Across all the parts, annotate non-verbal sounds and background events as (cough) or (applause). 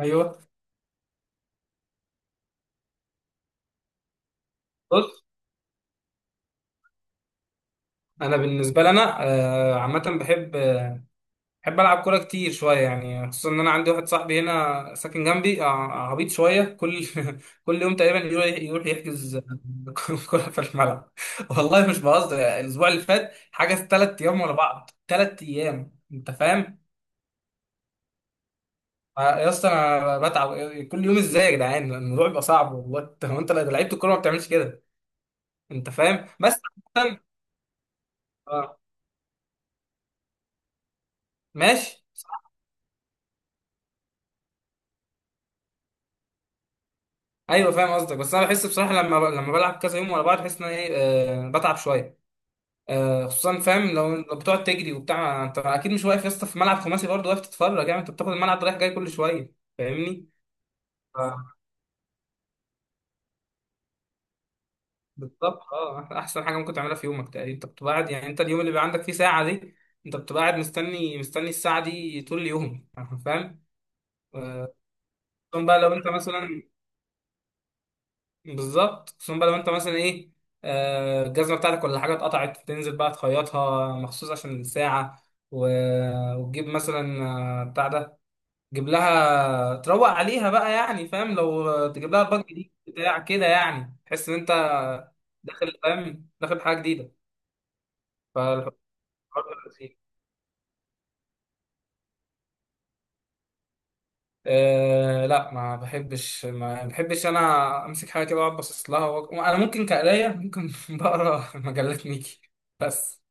ايوه، بص. انا بالنسبه لي، انا عامه بحب العب كوره كتير شويه، يعني خصوصا ان انا عندي واحد صاحبي هنا ساكن جنبي عبيط شويه. كل (laughs) كل يوم تقريبا يروح يحجز (laughs) كوره في الملعب. والله مش بهزر، يعني الاسبوع اللي فات حجز 3 ايام ورا بعض، 3 ايام. انت فاهم؟ آه، يا اسطى، انا بتعب كل يوم، ازاي يا جدعان؟ الموضوع بيبقى صعب والله. انت، هو انت لو لعيبه الكوره ما بتعملش كده. انت فاهم؟ بس عامة، آه، ماشي. ايوه، فاهم قصدك، بس انا بحس بصراحه لما بلعب كذا يوم ورا بعض بحس ان انا ايه، بتعب شويه. آه، خصوصا، فاهم؟ لو بتقعد تجري وبتاع، انت اكيد مش واقف يا اسطى في ملعب خماسي، برضه واقف تتفرج يعني؟ انت بتاخد الملعب رايح جاي كل شويه. فاهمني؟ آه، بالظبط. اه، احسن حاجه ممكن تعملها في يومك، تقريبا انت بتبقى قاعد. يعني انت، اليوم اللي بيبقى عندك فيه ساعه دي، انت بتبقى قاعد مستني مستني الساعه دي طول اليوم. فاهم؟ آه، خصوصا بقى لو انت مثلا، بالظبط، خصوصا بقى لو انت مثلا ايه، الجزمه بتاعتك ولا حاجه اتقطعت، تنزل بقى تخيطها مخصوص عشان الساعه، و... وتجيب مثلا بتاع ده، تجيب لها تروق عليها بقى، يعني فاهم، لو تجيب لها الباج جديد بتاع كده يعني تحس ان انت داخل، فاهم؟ داخل بحاجه جديده. فالحوار ده لذيذ. أه، لا ما بحبش، ما بحبش انا امسك حاجه كده واقعد باصص لها، انا ممكن كقرايه ممكن (laughs) بقرا مجلات ميكي بس.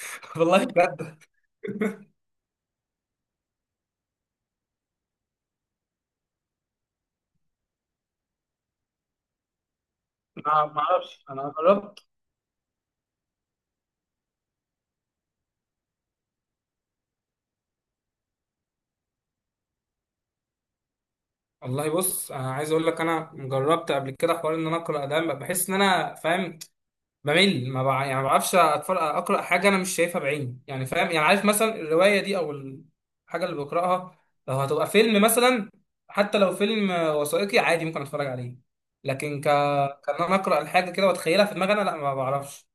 (laughs) والله بجد. انا ما اعرفش، انا جربت والله. بص، انا عايز اقول لك، انا جربت قبل كده حوار ان انا اقرا ده. بحس ان انا فاهم، بمل ما يعني ما بعرفش اقرا حاجه انا مش شايفها بعيني، يعني فاهم؟ يعني عارف مثلا الروايه دي او الحاجه اللي بقراها لو هتبقى فيلم مثلا، حتى لو فيلم وثائقي عادي ممكن اتفرج عليه، لكن كان انا اقرا الحاجه كده واتخيلها في دماغي، انا لا ما بعرفش.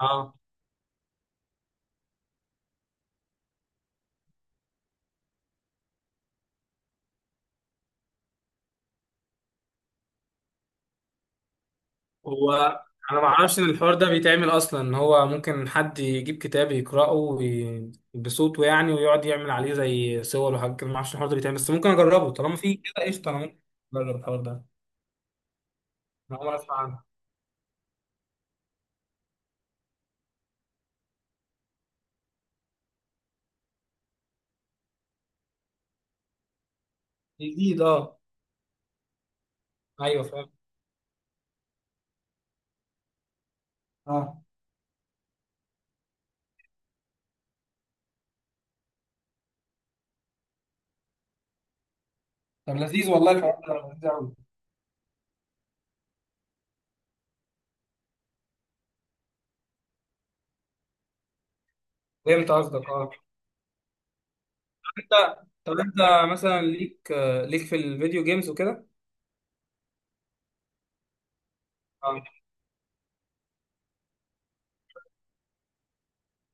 اه، هو انا ما اعرفش ان الحوار ده بيتعمل اصلا، ان هو ممكن حد يجيب كتاب يقراه بصوته يعني، ويقعد يعمل عليه زي صور وحاجات كده. ما اعرفش الحوار ده بيتعمل، بس ممكن اجربه. طالما في كده قشطه، انا ممكن اجرب الحوار ده. انا اول مره اسمع عنه. جديد، اه؟ ايوه، فاهم، اه. طب لذيذ والله، الحوار ده لذيذ قوي. فهمت قصدك، اه. انت، طب انت مثلا ليك ليك في الفيديو جيمز وكده؟ اه،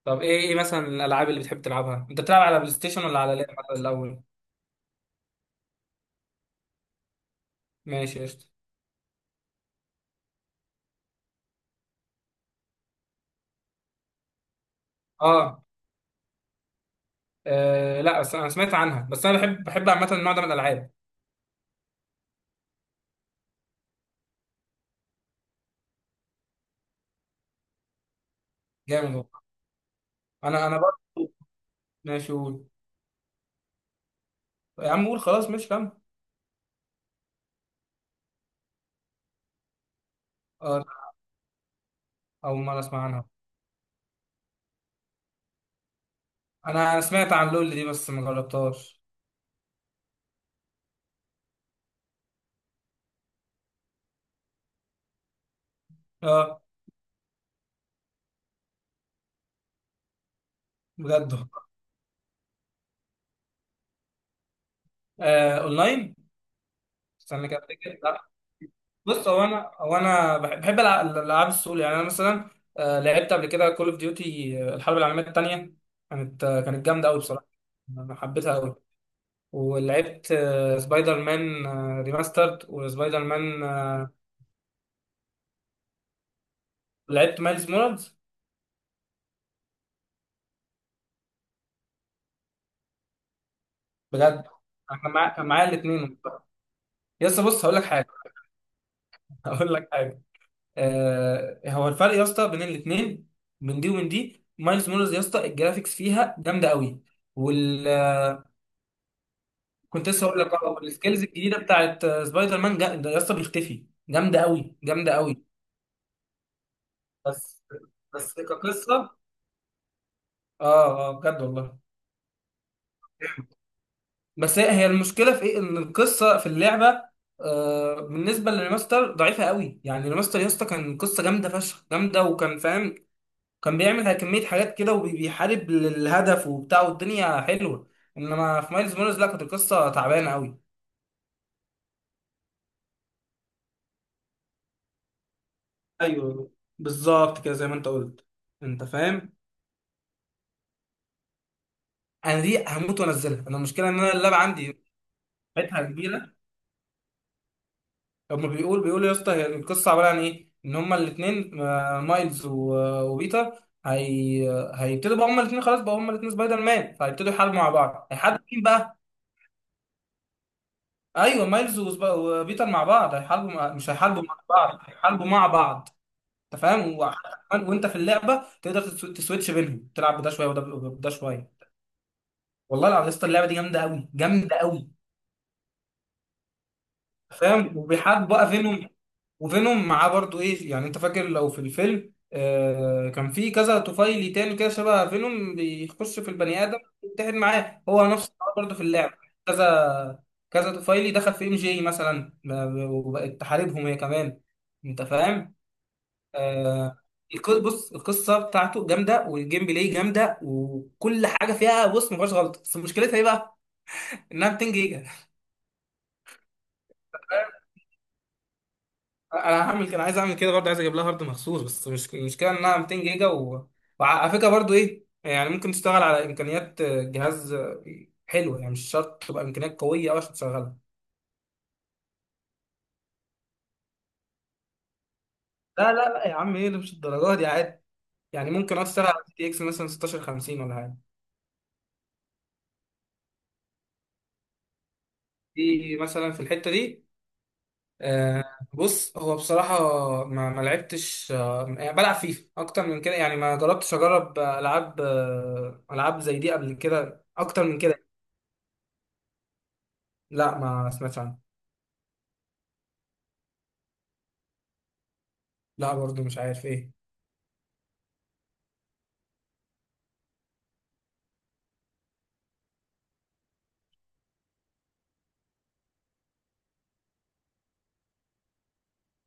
طب ايه مثلا الالعاب اللي بتحب تلعبها؟ انت بتلعب على بلاي ستيشن ولا على لعبه الاول؟ ماشي، قشطه. اه، آه، لا بس انا سمعت عنها، بس انا بحب عامه النوع ده من الالعاب. جامد والله. انا برضه، ماشي قول. يا عم قول، خلاص ماشي، كمل. اه، اول مره اسمع عنها. انا سمعت عن لول دي بس ما جربتهاش. اه، بجد والله. آه، اونلاين. استنى كده افتكر، لا. بص، هو انا بحب الالعاب السول يعني. انا مثلا لعبت قبل كده كول اوف ديوتي، الحرب العالميه الثانيه. كانت جامده قوي بصراحه. انا حبيتها قوي. ولعبت سبايدر مان ريماسترد، وسبايدر مان لعبت مايلز مورالز. بجد، انا مع- كان معايا الاثنين. يا اسطى، بص هقول لك حاجه. (laughs) هقول لك حاجه. هو الفرق يا اسطى بين الاثنين، من دي ومن دي، مايلز مورالز يا اسطى الجرافيكس فيها جامده قوي. وال كنت لسه هقول لك اه، السكيلز الجديده بتاعت سبايدر مان، ده يا اسطى بيختفي. جامده قوي، جامده قوي. بس بس كقصه، اه، اه، بجد والله. بس هي المشكله في ايه؟ ان القصه في اللعبه بالنسبه للريماستر ضعيفه قوي. يعني الريماستر يا اسطى كان قصه جامده فشخ، جامده، وكان فاهم، كان بيعمل كميه حاجات كده وبيحارب للهدف وبتاع، والدنيا حلوه. انما في مايلز مورز لا، كانت القصه تعبانه قوي. ايوه، بالظبط كده زي ما انت قلت. انت فاهم؟ انا دي هموت وانزلها. انا المشكله ان انا اللعبه عندي مساحتها كبيره. هما بيقول يا اسطى هي القصه عباره عن ايه، ان هما الاثنين، مايلز وبيتر. هي، هيبتدوا بقى هما الاثنين، خلاص بقى هما الاثنين سبايدر مان، فهيبتدوا يحاربوا مع بعض. هيحاربوا مين بقى؟ ايوه، مايلز وبيتر مع بعض، هيحاربوا مش هيحاربوا مع بعض، هيحاربوا مع بعض. انت فاهم؟ كمان، وانت في اللعبه تقدر تسويتش بينهم، تلعب بده شويه وده، وده شويه. والله العظيم يا اسطى اللعبه دي جامده قوي، جامده قوي. فاهم؟ وبيحاربوا بقى فينوم، وفينوم معاه برضو ايه يعني، انت فاكر لو في الفيلم آه، كان في كذا طفيلي تاني كده شبه فينوم بيخش في البني ادم يتحد معاه؟ هو نفس الحوار برضو في اللعب، كذا كذا طفيلي دخل في ام جي مثلا وبقت تحاربهم هي كمان. انت فاهم؟ آه بص القصه بتاعته جامده، والجيم بلاي جامده، وكل حاجه فيها بص ما فيهاش غلط. بس مشكلتها ايه بقى؟ انها 200 جيجا. انا هعمل كده، عايز اعمل كده برضه، عايز اجيب لها هارد مخصوص، بس مش المشكله انها 200 جيجا وعلى فكره برضه ايه يعني، ممكن تشتغل على امكانيات جهاز حلوه يعني، مش شرط تبقى امكانيات قويه قوي عشان تشغلها. لا لا لا يا عم، ايه اللي مش الدرجات دي عادي؟ يعني ممكن اشتغل على جي تي اكس مثلا 1650 ولا حاجه. دي مثلا في الحته دي آه بص هو بصراحه، ما لعبتش يعني بلعب فيفا اكتر من كده، يعني ما جربتش اجرب العاب العاب زي دي قبل كده اكتر من كده. لا، ما سمعتش عنها. لا برضو مش عارف ايه.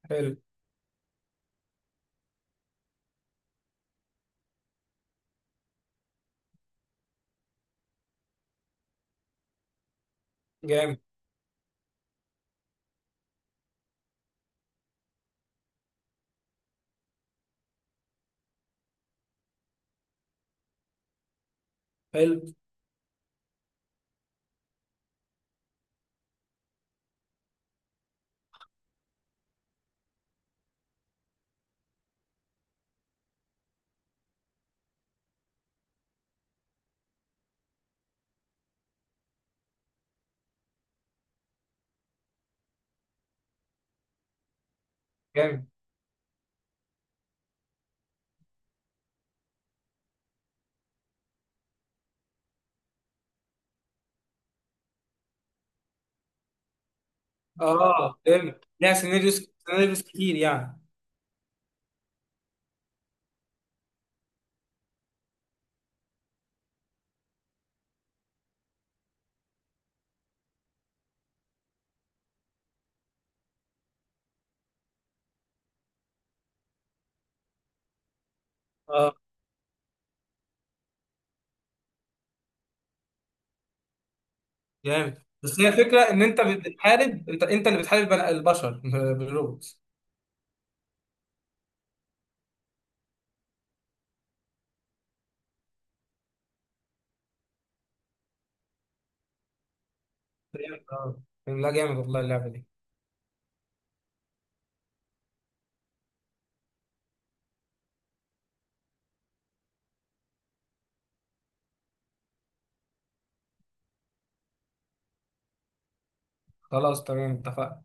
حلو جامد، حلو جامد، اه. فهمت ليها سيناريوز سيناريوز كتير يعني. اه، جامد. بس هي الفكره ان انت بتحارب، انت اللي بتحارب البشر (laughs) بالروبوتس. فهمت، اه. لا جامد والله اللعبه دي. خلاص تمام، اتفقنا.